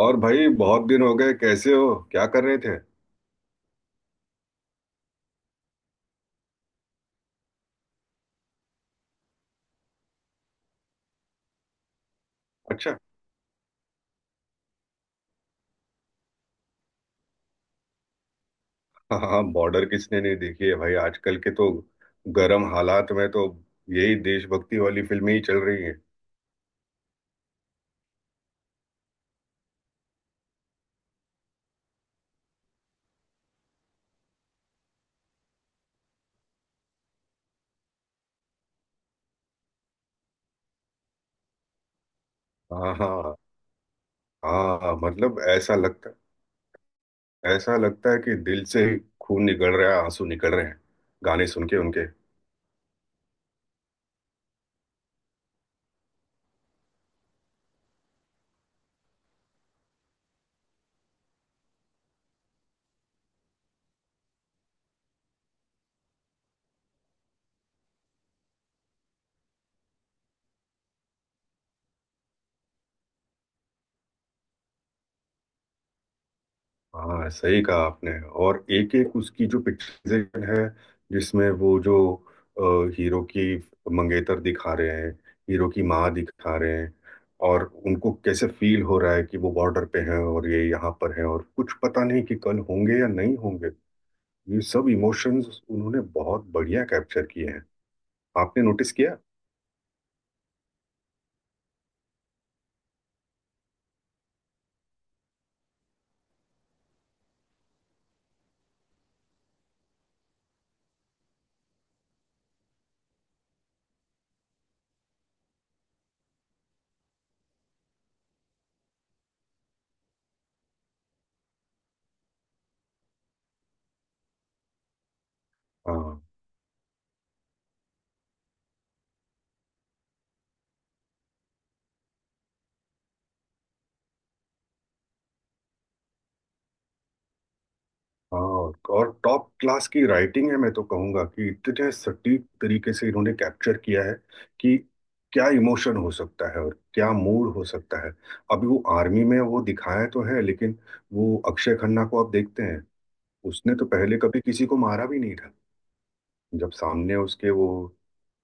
और भाई, बहुत दिन हो गए। कैसे हो? क्या कर रहे थे? अच्छा। हाँ, हाँ, बॉर्डर किसने नहीं देखी है भाई, आजकल के तो गर्म हालात में तो यही देशभक्ति वाली फिल्में ही चल रही हैं। हाँ, हाँ। हाँ, मतलब ऐसा लगता है कि दिल से ही खून निकल रहा है, आंसू निकल रहे हैं गाने सुन के उनके। हाँ, सही कहा आपने। और एक एक उसकी जो पिक्चराइजेशन है, जिसमें वो जो हीरो की मंगेतर दिखा रहे हैं, हीरो की माँ दिखा रहे हैं, और उनको कैसे फील हो रहा है कि वो बॉर्डर पे हैं और ये यहाँ पर हैं और कुछ पता नहीं कि कल होंगे या नहीं होंगे। ये सब इमोशंस उन्होंने बहुत बढ़िया कैप्चर किए हैं। आपने नोटिस किया? हाँ, हाँ। और टॉप क्लास की राइटिंग है, मैं तो कहूंगा कि इतने सटीक तरीके से इन्होंने कैप्चर किया है कि क्या इमोशन हो सकता है और क्या मूड हो सकता है। अभी वो आर्मी में वो दिखाया तो है, लेकिन वो अक्षय खन्ना को आप देखते हैं, उसने तो पहले कभी किसी को मारा भी नहीं था। जब सामने उसके वो,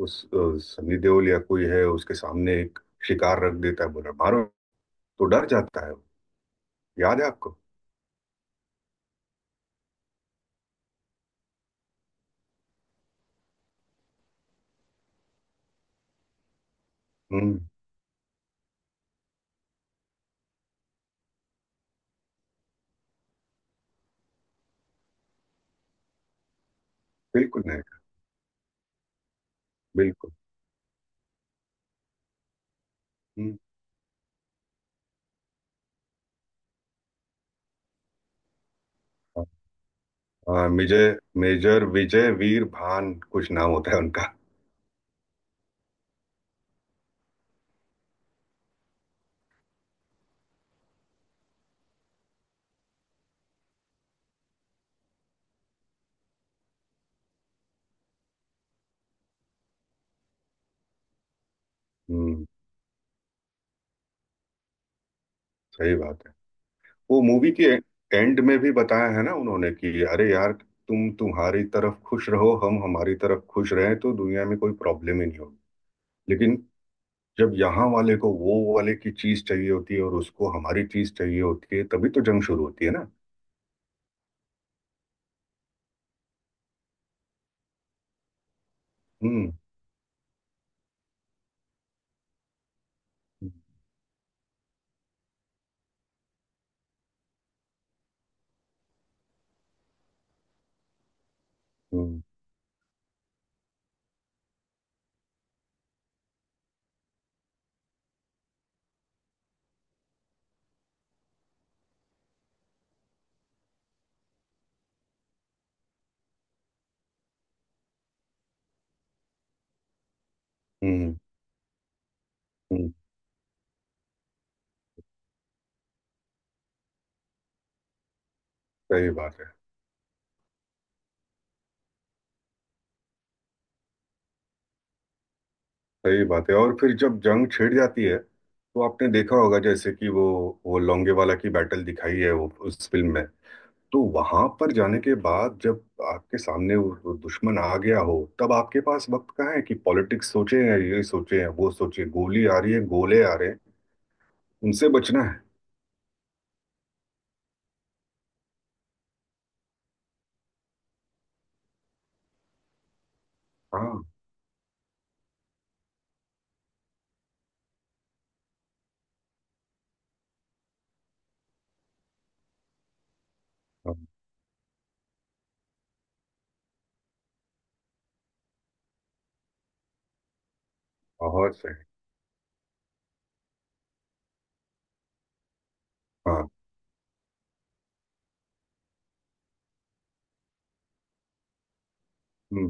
उस सन्नी देओल या कोई है उसके सामने एक शिकार रख देता है, बोला मारो, तो डर जाता है वो। याद है आपको? हम्म। बिल्कुल नहीं। बिल्कुल। हम्म। हाँ, मेजर मेजर विजय वीर भान कुछ नाम होता है उनका। हम्म। सही बात है। वो मूवी के एंड में भी बताया है ना उन्होंने कि अरे यार, तुम तुम्हारी तरफ खुश रहो, हम हमारी तरफ खुश रहें, तो दुनिया में कोई प्रॉब्लम ही नहीं होगी। लेकिन जब यहाँ वाले को वो वाले की चीज चाहिए होती है और उसको हमारी चीज चाहिए होती है, तभी तो जंग शुरू होती है ना। हम्म, हम्म, हम्म, हम्म। सही बात है। सही बात है। और फिर जब जंग छिड़ जाती है तो आपने देखा होगा जैसे कि वो लोंगेवाला की बैटल दिखाई है वो, उस फिल्म में। तो वहां पर जाने के बाद जब आपके सामने वो दुश्मन आ गया हो, तब आपके पास वक्त कहाँ है कि पॉलिटिक्स सोचे हैं, ये सोचे हैं, वो सोचे? गोली आ रही है, गोले आ रहे हैं, उनसे बचना है। हाँ, हाँ, बहुत सही। हाँ। हम्म।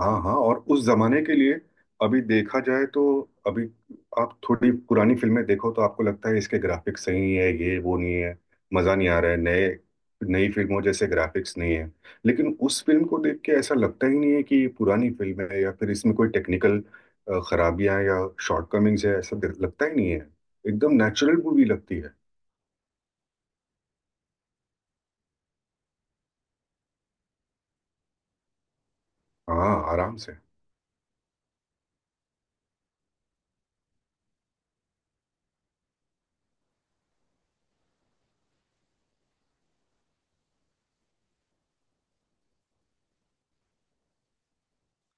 हाँ, हाँ और उस जमाने के लिए, अभी देखा जाए तो अभी, आप थोड़ी पुरानी फिल्में देखो तो आपको लगता है इसके ग्राफिक्स सही है, ये वो नहीं है, मजा नहीं आ रहा है, नए नई फिल्मों जैसे ग्राफिक्स नहीं है। लेकिन उस फिल्म को देख के ऐसा लगता ही नहीं है कि ये पुरानी फिल्म है या फिर इसमें कोई टेक्निकल खराबियां या शॉर्टकमिंग्स है, ऐसा लगता ही नहीं है। एकदम नेचुरल मूवी लगती है। हाँ, आराम से।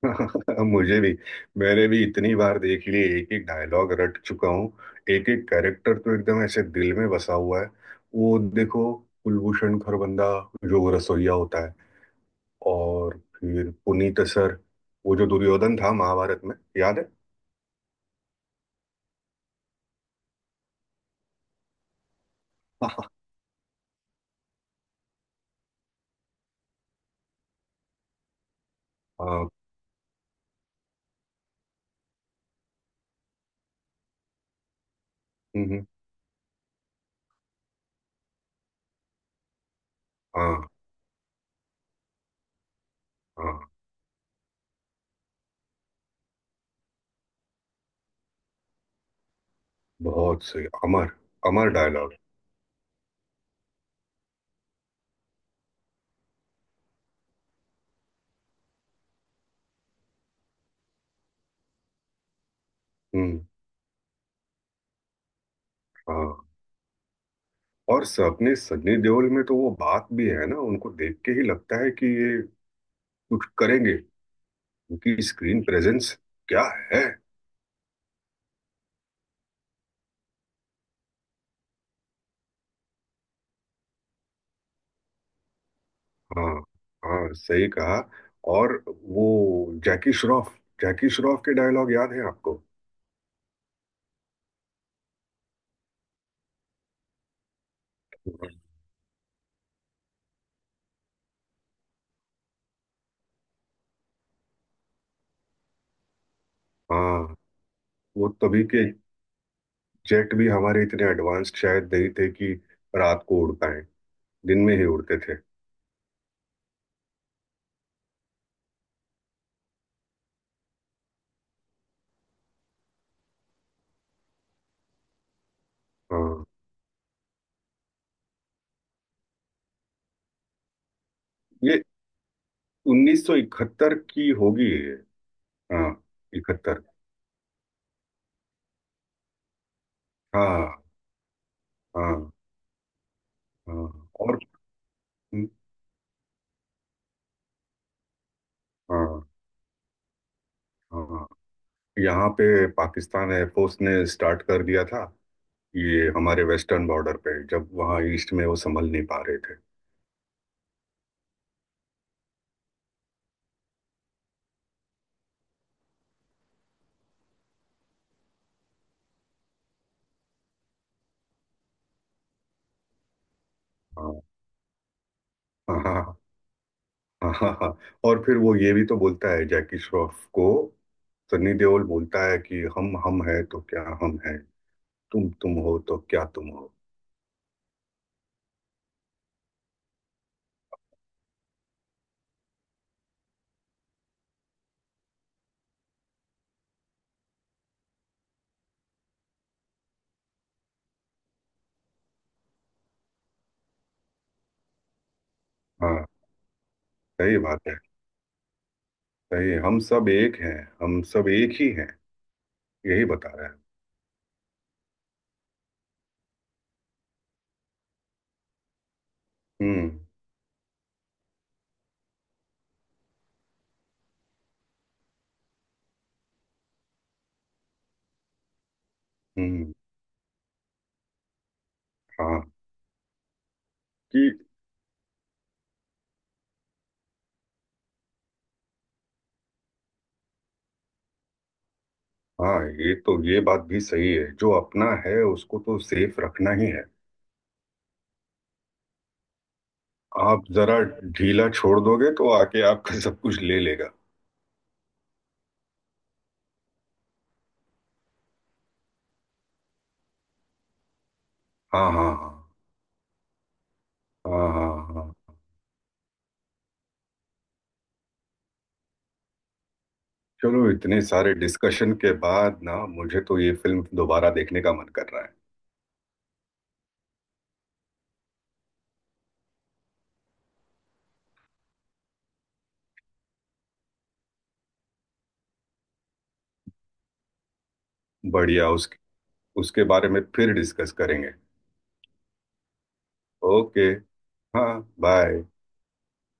मुझे भी। मैंने भी इतनी बार देख ली, एक एक डायलॉग रट चुका हूँ, एक एक कैरेक्टर तो एकदम ऐसे दिल में बसा हुआ है। वो देखो, कुलभूषण खरबंदा जो रसोइया होता है, और फिर पुनीत सर, वो जो दुर्योधन था महाभारत में, याद है? हाँ। हाँ। हम्म, हाँ, हाँ। बहुत सही। अमर अमर डायलॉग। हम्म। हाँ। और अपने सनी देओल में तो वो बात भी है ना, उनको देख के ही लगता है कि ये कुछ करेंगे। उनकी स्क्रीन प्रेजेंस क्या है! हाँ, हाँ, सही कहा। और वो जैकी श्रॉफ, जैकी श्रॉफ के डायलॉग याद है आपको? हाँ, वो तभी के जेट भी हमारे इतने एडवांस्ड शायद नहीं थे कि रात को उड़ पाए, दिन में ही उड़ते थे। हाँ, ये 1971 की होगी ये। हाँ, इकहत्तर। हाँ, हाँ, हाँ। और हाँ, हाँ, यहाँ पे पाकिस्तान एयरफोर्स ने स्टार्ट कर दिया था, ये हमारे वेस्टर्न बॉर्डर पे, जब वहाँ ईस्ट में वो संभल नहीं पा रहे थे। हाँ, हाँ, हाँ, हाँ, हाँ। हाँ, हाँ, हाँ। और फिर वो ये भी तो बोलता है जैकी श्रॉफ को, सनी देओल बोलता है कि हम है तो क्या हम है, तुम हो तो क्या तुम हो। हाँ, सही बात है। सही, हम सब एक हैं, हम सब एक ही हैं, यही बता रहा है। हम्म। हम्म। हाँ, कि हाँ, ये तो ये बात भी सही है, जो अपना है उसको तो सेफ रखना ही है। आप जरा ढीला छोड़ दोगे तो आके आपका सब कुछ ले लेगा। हाँ, हाँ, हाँ, हाँ, हाँ, हाँ। चलो, इतने सारे डिस्कशन के बाद ना मुझे तो ये फिल्म दोबारा देखने का मन कर रहा है। बढ़िया। उसके उसके बारे में फिर डिस्कस करेंगे। ओके। हाँ, बाय।